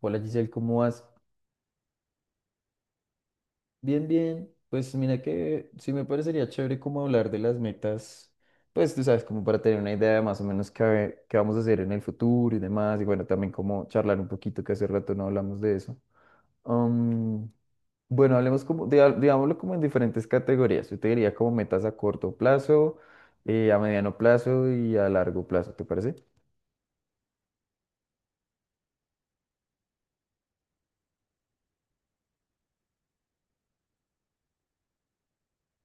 Hola Giselle, ¿cómo vas? Bien, bien. Pues mira que sí me parecería chévere como hablar de las metas, pues tú sabes, como para tener una idea de más o menos qué vamos a hacer en el futuro y demás, y bueno, también como charlar un poquito, que hace rato no hablamos de eso. Am, bueno, hablemos como, digámoslo como en diferentes categorías. Yo te diría como metas a corto plazo, a mediano plazo y a largo plazo, ¿te parece?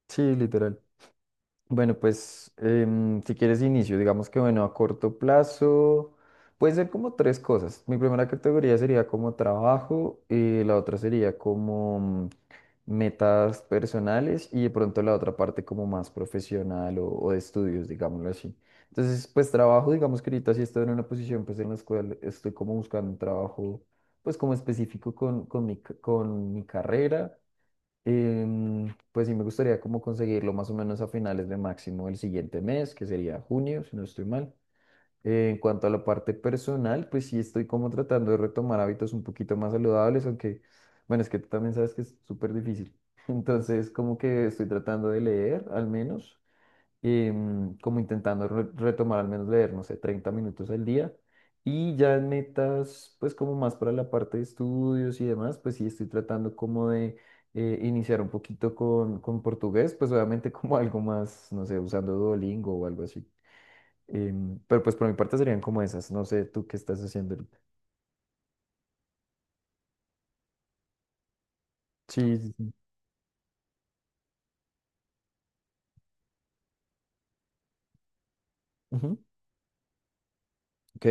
Sí, literal. Bueno, pues si quieres inicio, digamos que bueno, a corto plazo puede ser como tres cosas. Mi primera categoría sería como trabajo y la otra sería como metas personales y de pronto la otra parte como más profesional o de estudios, digámoslo así. Entonces, pues trabajo, digamos que ahorita sí estoy en una posición pues en la cual estoy como buscando un trabajo pues como específico con mi carrera. Pues sí, me gustaría como conseguirlo más o menos a finales de máximo el siguiente mes, que sería junio, si no estoy mal. En cuanto a la parte personal, pues sí estoy como tratando de retomar hábitos un poquito más saludables, aunque, bueno, es que tú también sabes que es súper difícil. Entonces, como que estoy tratando de leer al menos como intentando retomar al menos leer, no sé, 30 minutos al día. Y ya en metas, pues como más para la parte de estudios y demás, pues sí estoy tratando como de iniciar un poquito con portugués, pues obviamente como algo más, no sé, usando Duolingo o algo así. Pero pues por mi parte serían como esas, no sé, tú qué estás haciendo ahorita. Sí, sí, sí. Ujú. Ok,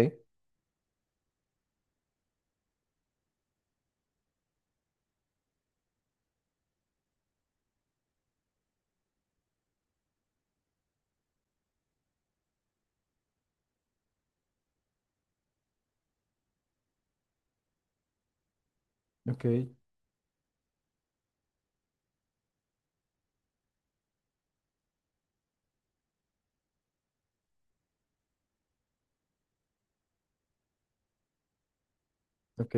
ok, ok,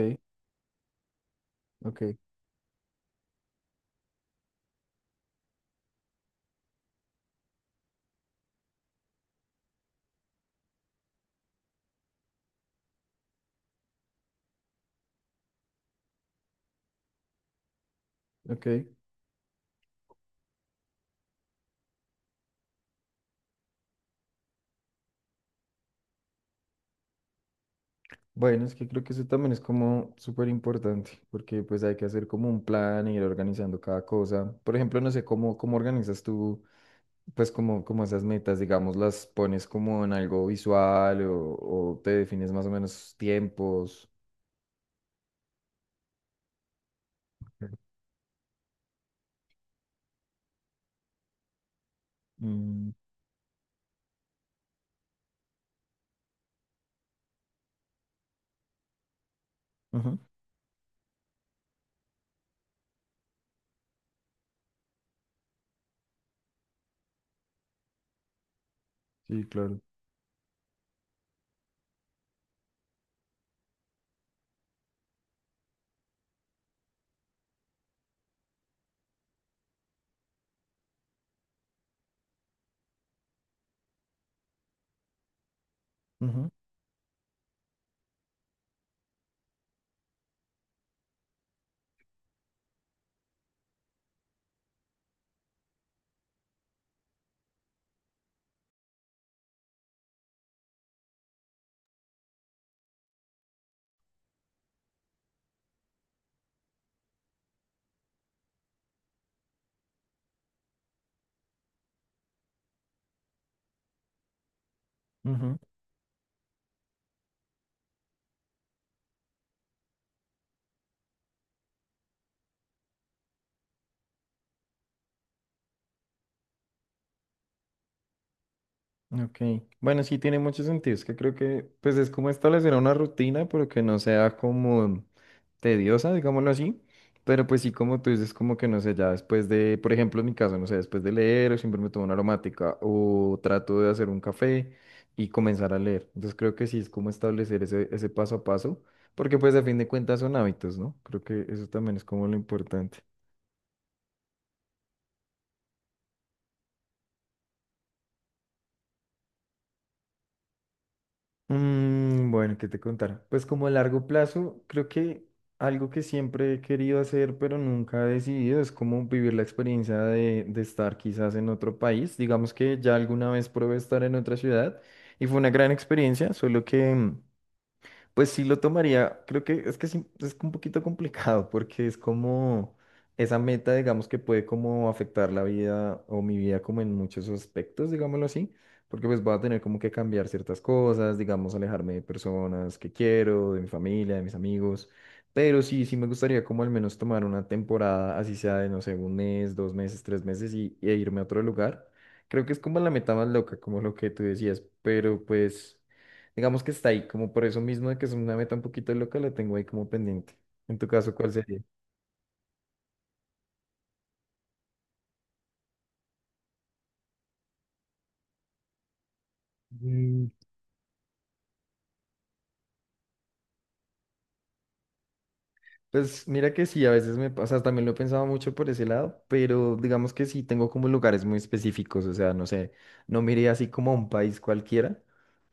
ok, ok. Bueno, es que creo que eso también es como súper importante, porque pues hay que hacer como un plan e ir organizando cada cosa. Por ejemplo, no sé cómo organizas tú, pues como, como esas metas, digamos, las pones como en algo visual o te defines más o menos tiempos. Mm, ujú. Sí, claro. Ujú, ujú. Ok, bueno, sí tiene mucho sentido, es que creo que pues es como establecer una rutina, pero que no sea como tediosa, digámoslo así, pero pues sí como tú dices, como que no sé, ya después de, por ejemplo, en mi caso, no sé, después de leer, siempre me tomo una aromática o trato de hacer un café y comenzar a leer, entonces creo que sí es como establecer ese paso a paso, porque pues a fin de cuentas son hábitos, ¿no? Creo que eso también es como lo importante. Mm, bueno, ¿qué te contar? Pues como a largo plazo, creo que algo que siempre he querido hacer, pero nunca he decidido, es como vivir la experiencia de estar quizás en otro país. Digamos que ya alguna vez probé estar en otra ciudad y fue una gran experiencia, solo que pues sí lo tomaría, creo que es que sí, es un poquito complicado porque es como esa meta, digamos, que puede como afectar la vida o mi vida como en muchos aspectos, digámoslo así, porque pues voy a tener como que cambiar ciertas cosas, digamos, alejarme de personas que quiero, de mi familia, de mis amigos, pero sí, sí me gustaría como al menos tomar una temporada, así sea de, no sé, 1 mes, 2 meses, 3 meses e irme a otro lugar. Creo que es como la meta más loca, como lo que tú decías, pero pues... Digamos que está ahí, como por eso mismo de que es una meta un poquito loca, la tengo ahí como pendiente. En tu caso, ¿cuál sería? Mm, Pues mira que sí, a veces me pasa, también lo he pensado mucho por ese lado, pero digamos que sí tengo como lugares muy específicos, o sea, no sé, no miré así como a un país cualquiera,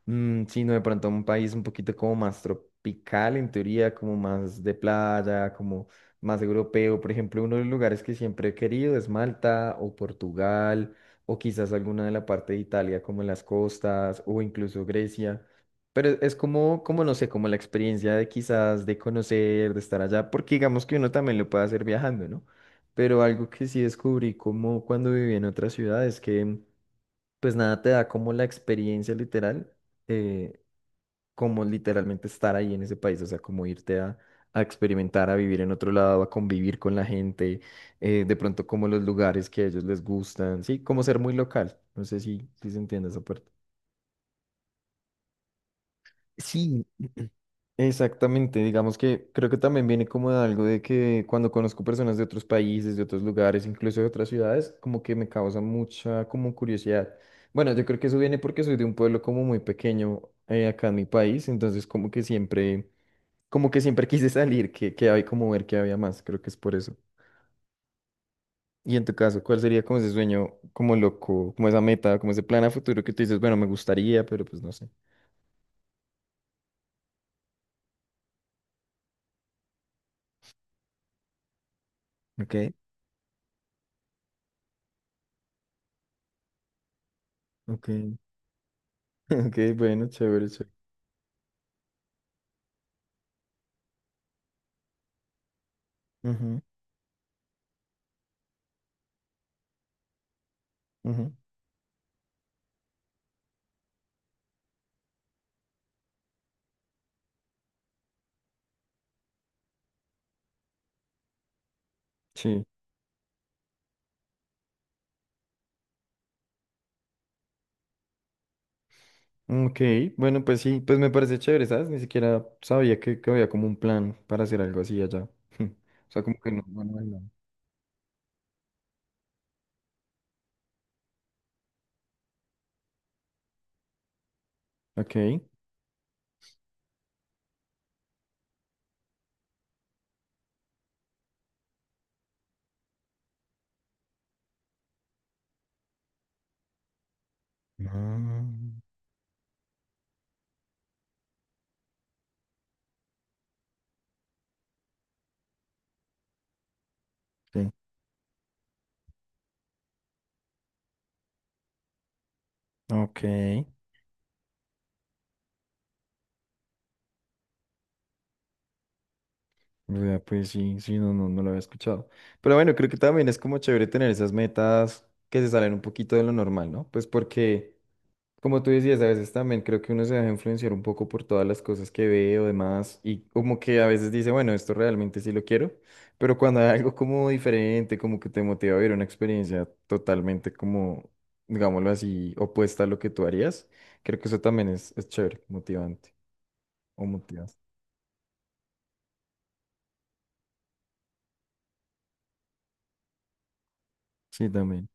sino de pronto a un país un poquito como más tropical en teoría, como más de playa, como más europeo. Por ejemplo, uno de los lugares que siempre he querido es Malta o Portugal o quizás alguna de la parte de Italia como en las costas o incluso Grecia. Pero es como, no sé, como la experiencia de quizás de conocer, de estar allá, porque digamos que uno también lo puede hacer viajando, ¿no? Pero algo que sí descubrí como cuando viví en otra ciudad es que, pues nada, te da como la experiencia literal, eh, como literalmente estar ahí en ese país, o sea, como irte a, experimentar, a vivir en otro lado, a convivir con la gente, de pronto como los lugares que a ellos les gustan, sí, como ser muy local, no sé si se entiende esa parte. Sí, exactamente, digamos que creo que también viene como de algo de que cuando conozco personas de otros países, de otros lugares, incluso de otras ciudades, como que me causa mucha como curiosidad. Bueno, yo creo que eso viene porque soy de un pueblo como muy pequeño acá en mi país, entonces como que siempre quise salir, que hay como ver que había más, creo que es por eso. Y en tu caso, ¿cuál sería como ese sueño, como loco, como esa meta, como ese plan a futuro que tú dices, bueno, me gustaría, pero pues no sé. Ok. Ok, ok, bueno, chévere, chévere. Ujú, ujú. Sí. Ok, bueno, pues sí, pues me parece chévere, ¿sabes? Ni siquiera sabía que había como un plan para hacer algo así allá. O sea, como que no. No, no, no. Ok. Ah, sí. Ok. Vea, pues sí, sí, no, no, no lo había escuchado. Pero bueno, creo que también es como chévere tener esas metas que se salen un poquito de lo normal, ¿no? Pues porque como tú decías, a veces también creo que uno se deja influenciar un poco por todas las cosas que ve o demás y como que a veces dice, bueno, esto realmente sí lo quiero, pero cuando hay algo como diferente, como que te motiva a vivir una experiencia totalmente como, digámoslo así, opuesta a lo que tú harías, creo que eso también es chévere, motivante o motivas. Sí, también.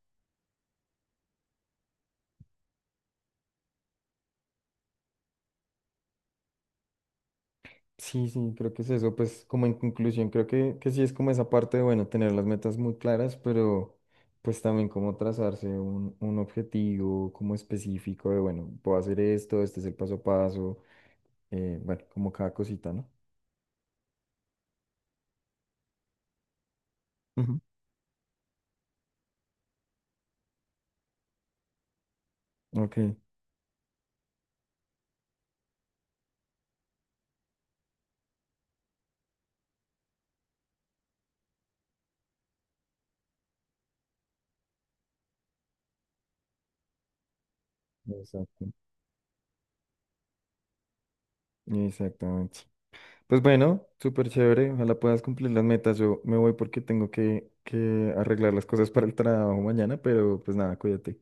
Sí, sí, creo que es eso. Pues como en conclusión, creo que sí es como esa parte de, bueno, tener las metas muy claras, pero pues también como trazarse un objetivo como específico de, bueno, puedo hacer esto, este es el paso a paso, bueno, como cada cosita, ¿no? Ujú. Ok, exacto, exactamente. Pues bueno, súper chévere, ojalá puedas cumplir las metas. Yo me voy porque tengo que arreglar las cosas para el trabajo mañana, pero pues nada, cuídate.